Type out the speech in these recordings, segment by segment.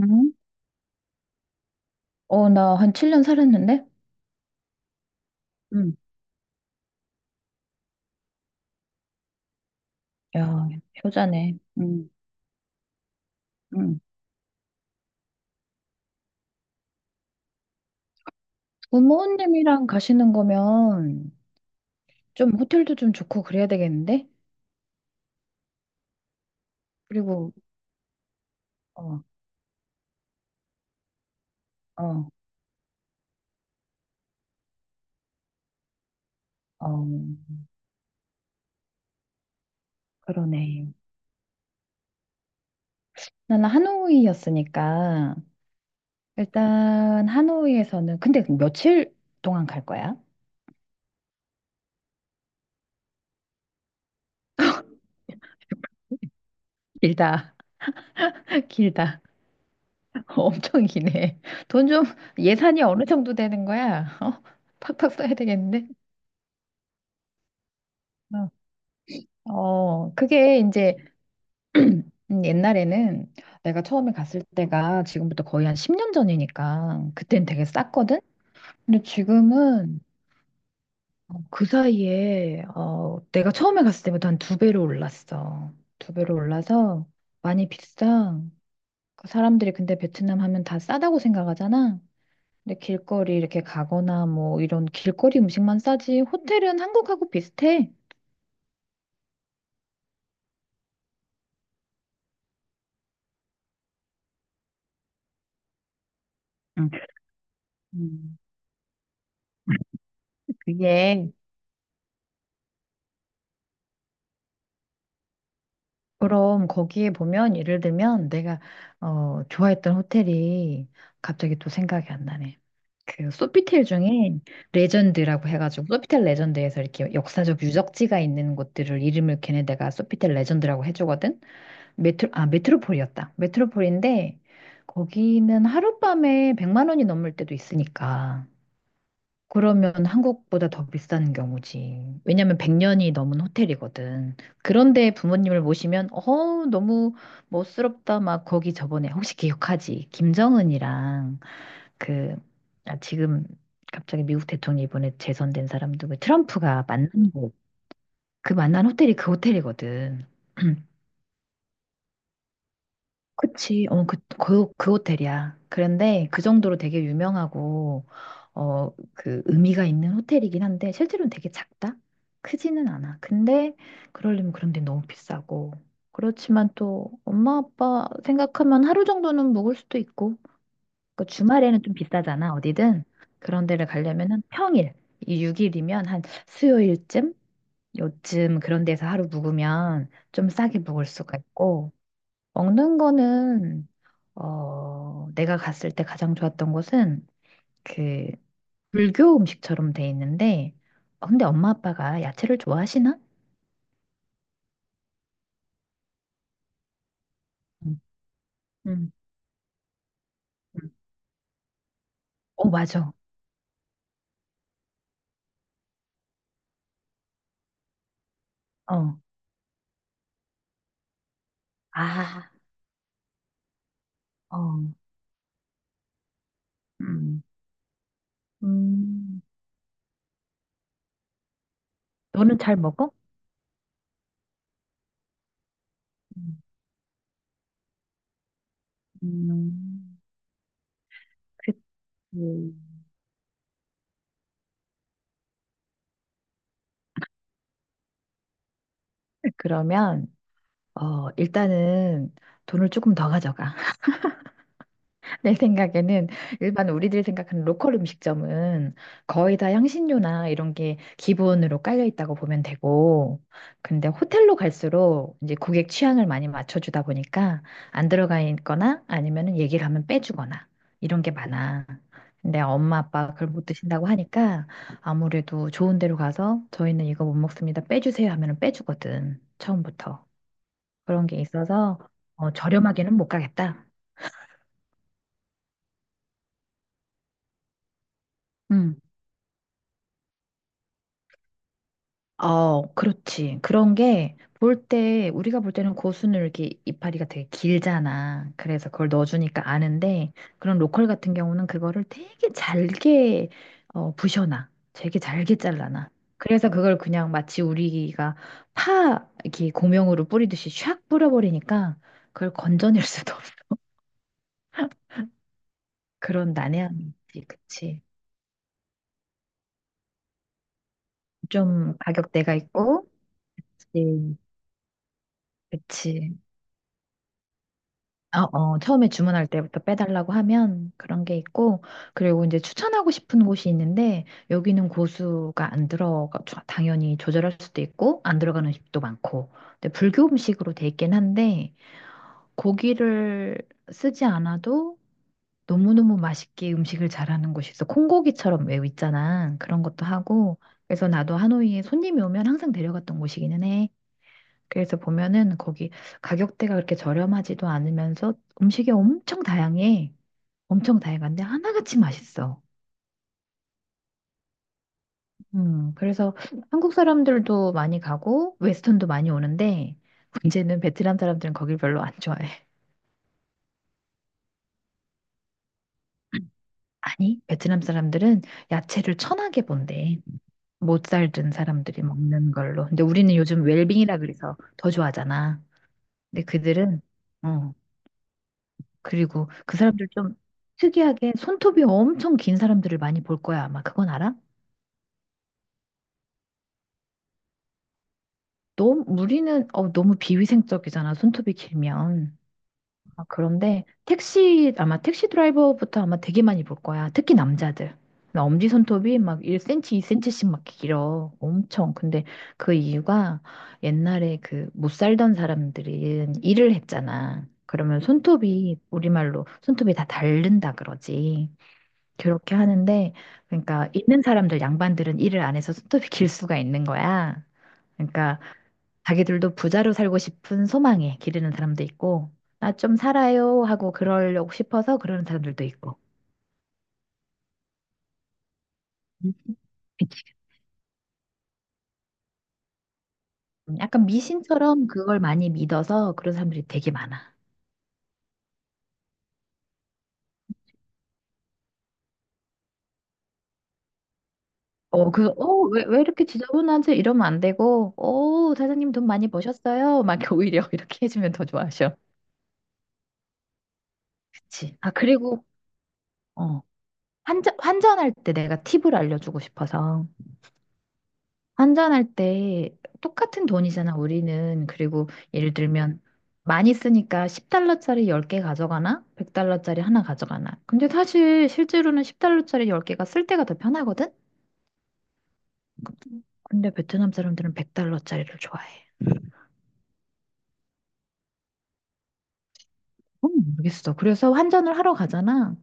응? 나 한 7년 살았는데? 응, 야, 효자네. 응, 응. 부모님이랑 가시는 거면 좀 호텔도 좀 좋고 그래야 되겠는데? 그리고, 어, 어, 어, 그러네. 나는 하노이였으니까, 일단 하노이에서는, 근데 며칠 동안 갈 거야? 길다, 길다. 엄청 기네. 돈 좀, 예산이 어느 정도 되는 거야? 어? 팍팍 써야 되겠는데? 어, 그게 이제 옛날에는 내가 처음에 갔을 때가 지금부터 거의 한 10년 전이니까 그땐 되게 쌌거든? 근데 지금은 그 사이에 내가 처음에 갔을 때보다 한 두 배로 올랐어. 두 배로 올라서 많이 비싸. 그 사람들이 근데 베트남 하면 다 싸다고 생각하잖아. 근데 길거리 이렇게 가거나 뭐 이런 길거리 음식만 싸지 호텔은 한국하고 비슷해. 응. 음. 그게 그럼 거기에 보면 예를 들면 내가 좋아했던 호텔이 갑자기 또 생각이 안 나네. 그 소피텔 중에 레전드라고 해가지고 소피텔 레전드에서 이렇게 역사적 유적지가 있는 곳들을 이름을 걔네들가 소피텔 레전드라고 해주거든. 메트로 아, 메트로폴이었다. 메트로폴인데 거기는 하룻밤에 100만 원이 넘을 때도 있으니까. 그러면 한국보다 더 비싼 경우지. 왜냐면 100년이 넘은 호텔이거든. 그런데 부모님을 모시면, 너무 멋스럽다. 막 거기 저번에, 혹시 기억하지? 김정은이랑 그, 아, 지금 갑자기 미국 대통령 이번에 재선된 사람 누구, 트럼프가 만난 곳. 그 만난 호텔이 그 호텔이거든. 그치. 그 호텔이야. 그런데 그 정도로 되게 유명하고, 그 의미가 있는 호텔이긴 한데, 실제로는 되게 작다? 크지는 않아. 근데, 그러려면 그런 데 너무 비싸고. 그렇지만 또, 엄마, 아빠 생각하면 하루 정도는 묵을 수도 있고, 그 주말에는 좀 비싸잖아, 어디든. 그런 데를 가려면은 평일, 이 6일이면 한 수요일쯤? 요쯤 그런 데서 하루 묵으면 좀 싸게 묵을 수가 있고, 먹는 거는 내가 갔을 때 가장 좋았던 곳은 그 불교 음식처럼 돼 있는데 근데 엄마 아빠가 야채를 좋아하시나? 응. 응. 응. 어, 맞아. 어. 아. 어. 음. 음. 너는 잘 먹어? 음. 음. 그치. 그러면 일단은 돈을 조금 더 가져가. 내 생각에는 일반 우리들이 생각하는 로컬 음식점은 거의 다 향신료나 이런 게 기본으로 깔려 있다고 보면 되고, 근데 호텔로 갈수록 이제 고객 취향을 많이 맞춰주다 보니까 안 들어가 있거나 아니면은 얘기를 하면 빼주거나 이런 게 많아. 근데 엄마 아빠가 그걸 못 드신다고 하니까 아무래도 좋은 데로 가서 저희는 이거 못 먹습니다. 빼주세요 하면은 빼주거든. 처음부터. 그런 게 있어서 저렴하게는 못 가겠다. 음. 어, 그렇지. 그런 게 볼 때, 우리가 볼 때는 고수는 이렇게 이파리가 되게 길잖아. 그래서 그걸 넣어주니까 아는데, 그런 로컬 같은 경우는 그거를 되게 잘게 부셔놔. 되게 잘게 잘라놔. 그래서 그걸 그냥 마치 우리가 파, 이렇게 고명으로 뿌리듯이 샥 뿌려버리니까 그걸 건져낼 수도 없어. 그런 난해함이 있지. 그치. 좀 가격대가 있고, 네. 그치. 처음에 주문할 때부터 빼달라고 하면 그런 게 있고, 그리고 이제 추천하고 싶은 곳이 있는데, 여기는 고수가 안 들어가, 당연히 조절할 수도 있고, 안 들어가는 집도 많고, 근데 불교 음식으로 돼 있긴 한데, 고기를 쓰지 않아도 너무너무 맛있게 음식을 잘하는 곳이 있어. 콩고기처럼 외우 있잖아. 그런 것도 하고, 그래서 나도 하노이에 손님이 오면 항상 데려갔던 곳이기는 해. 그래서 보면은 거기 가격대가 그렇게 저렴하지도 않으면서 음식이 엄청 다양해. 엄청 다양한데 하나같이 맛있어. 그래서 한국 사람들도 많이 가고 웨스턴도 많이 오는데 문제는 베트남 사람들은 거길 별로 안 좋아해. 아니, 베트남 사람들은 야채를 천하게 본대. 못 살던 사람들이 먹는 걸로. 근데 우리는 요즘 웰빙이라 그래서 더 좋아하잖아. 근데 그들은, 어, 그리고 그 사람들 좀 특이하게 손톱이 엄청 긴 사람들을 많이 볼 거야. 아마 그건 알아? 너무 우리는 너무 비위생적이잖아. 손톱이 길면. 아, 그런데 택시 아마 택시 드라이버부터 아마 되게 많이 볼 거야. 특히 남자들. 엄지 손톱이 막 1cm, 2cm씩 막 길어. 엄청. 근데 그 이유가 옛날에 그 못 살던 사람들이 일을 했잖아. 그러면 손톱이 우리말로 손톱이 다 닳는다 그러지. 그렇게 하는데, 그러니까 있는 사람들, 양반들은 일을 안 해서 손톱이 길 수가 있는 거야. 그러니까 자기들도 부자로 살고 싶은 소망에 기르는 사람도 있고, 나 좀 살아요 하고 그러려고 싶어서 그러는 사람들도 있고. 음. 그치. 약간 미신처럼 그걸 많이 믿어서 그런 사람들이 되게 많아. 왜 이렇게 지저분하지? 이러면 안 되고, 사장님 돈 많이 버셨어요? 막 이렇게 오히려 이렇게 해주면 더 좋아하셔. 그치. 아, 그리고, 어, 환전할 때 내가 팁을 알려주고 싶어서. 환전할 때 똑같은 돈이잖아, 우리는. 그리고 예를 들면 많이 쓰니까 10달러짜리 10개 가져가나? 100달러짜리 하나 가져가나? 근데 사실 실제로는 10달러짜리 10개가 쓸 때가 더 편하거든? 근데 베트남 사람들은 100달러짜리를 좋아해. 모르겠어. 그래서 환전을 하러 가잖아.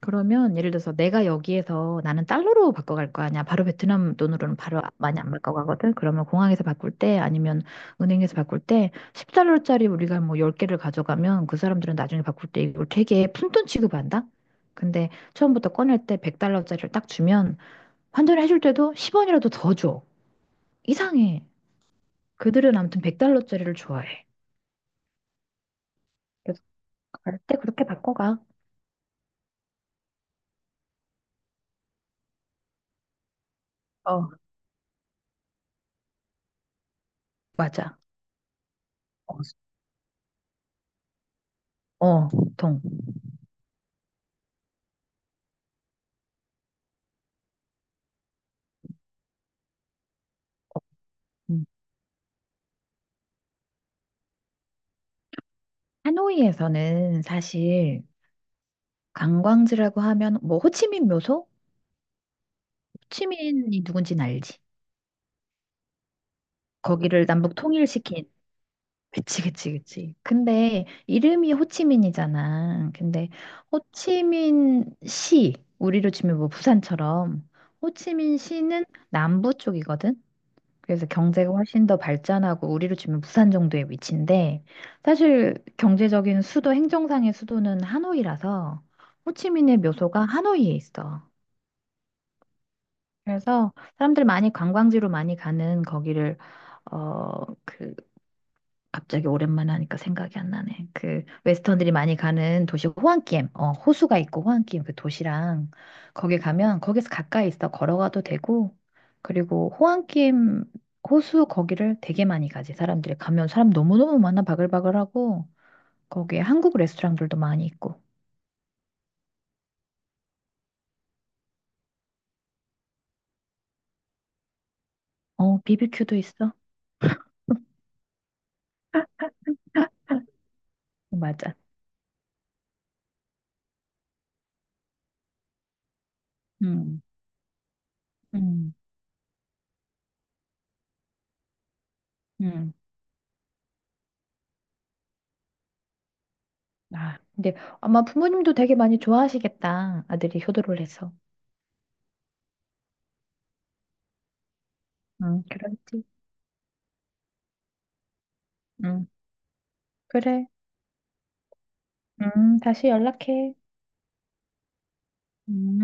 그러면 예를 들어서 내가 여기에서 나는 달러로 바꿔갈 거 아니야. 바로 베트남 돈으로는 바로 많이 안 바꿔가거든. 그러면 공항에서 바꿀 때 아니면 은행에서 바꿀 때 10달러짜리 우리가 뭐 10개를 가져가면 그 사람들은 나중에 바꿀 때 이걸 되게 푼돈 취급한다. 근데 처음부터 꺼낼 때 100달러짜리를 딱 주면 환전을 해줄 때도 10원이라도 더 줘. 이상해. 그들은 아무튼 100달러짜리를 좋아해. 그래서 갈 때 그렇게 바꿔가. 어, 맞아. 어, 보통. 음. 하노이에서는 사실 관광지라고 하면 뭐 호치민 묘소? 호치민이 누군지는 알지. 거기를 남북 통일시킨. 그치, 그치, 그치. 근데 이름이 호치민이잖아. 근데 호치민 시, 우리로 치면 뭐 부산처럼 호치민 시는 남부 쪽이거든. 그래서 경제가 훨씬 더 발전하고 우리로 치면 부산 정도의 위치인데 사실 경제적인 수도 행정상의 수도는 하노이라서 호치민의 묘소가 하노이에 있어. 그래서 사람들 많이 관광지로 많이 가는 거기를 어그 갑자기 오랜만에 하니까 생각이 안 나네. 그 웨스턴들이 많이 가는 도시 호안끼엠, 호수가 있고 호안끼엠 그 도시랑 거기 가면 거기서 가까이 있어 걸어가도 되고 그리고 호안끼엠 호수 거기를 되게 많이 가지 사람들이 가면 사람 너무너무 많아 바글바글하고 거기에 한국 레스토랑들도 많이 있고 비비큐도 있어. 맞아. 음. 음, 음. 아, 근데 아마 부모님도 되게 많이 좋아하시겠다. 아들이 효도를 해서. 응, 그렇지. 응, 그래. 다시 연락해. 음.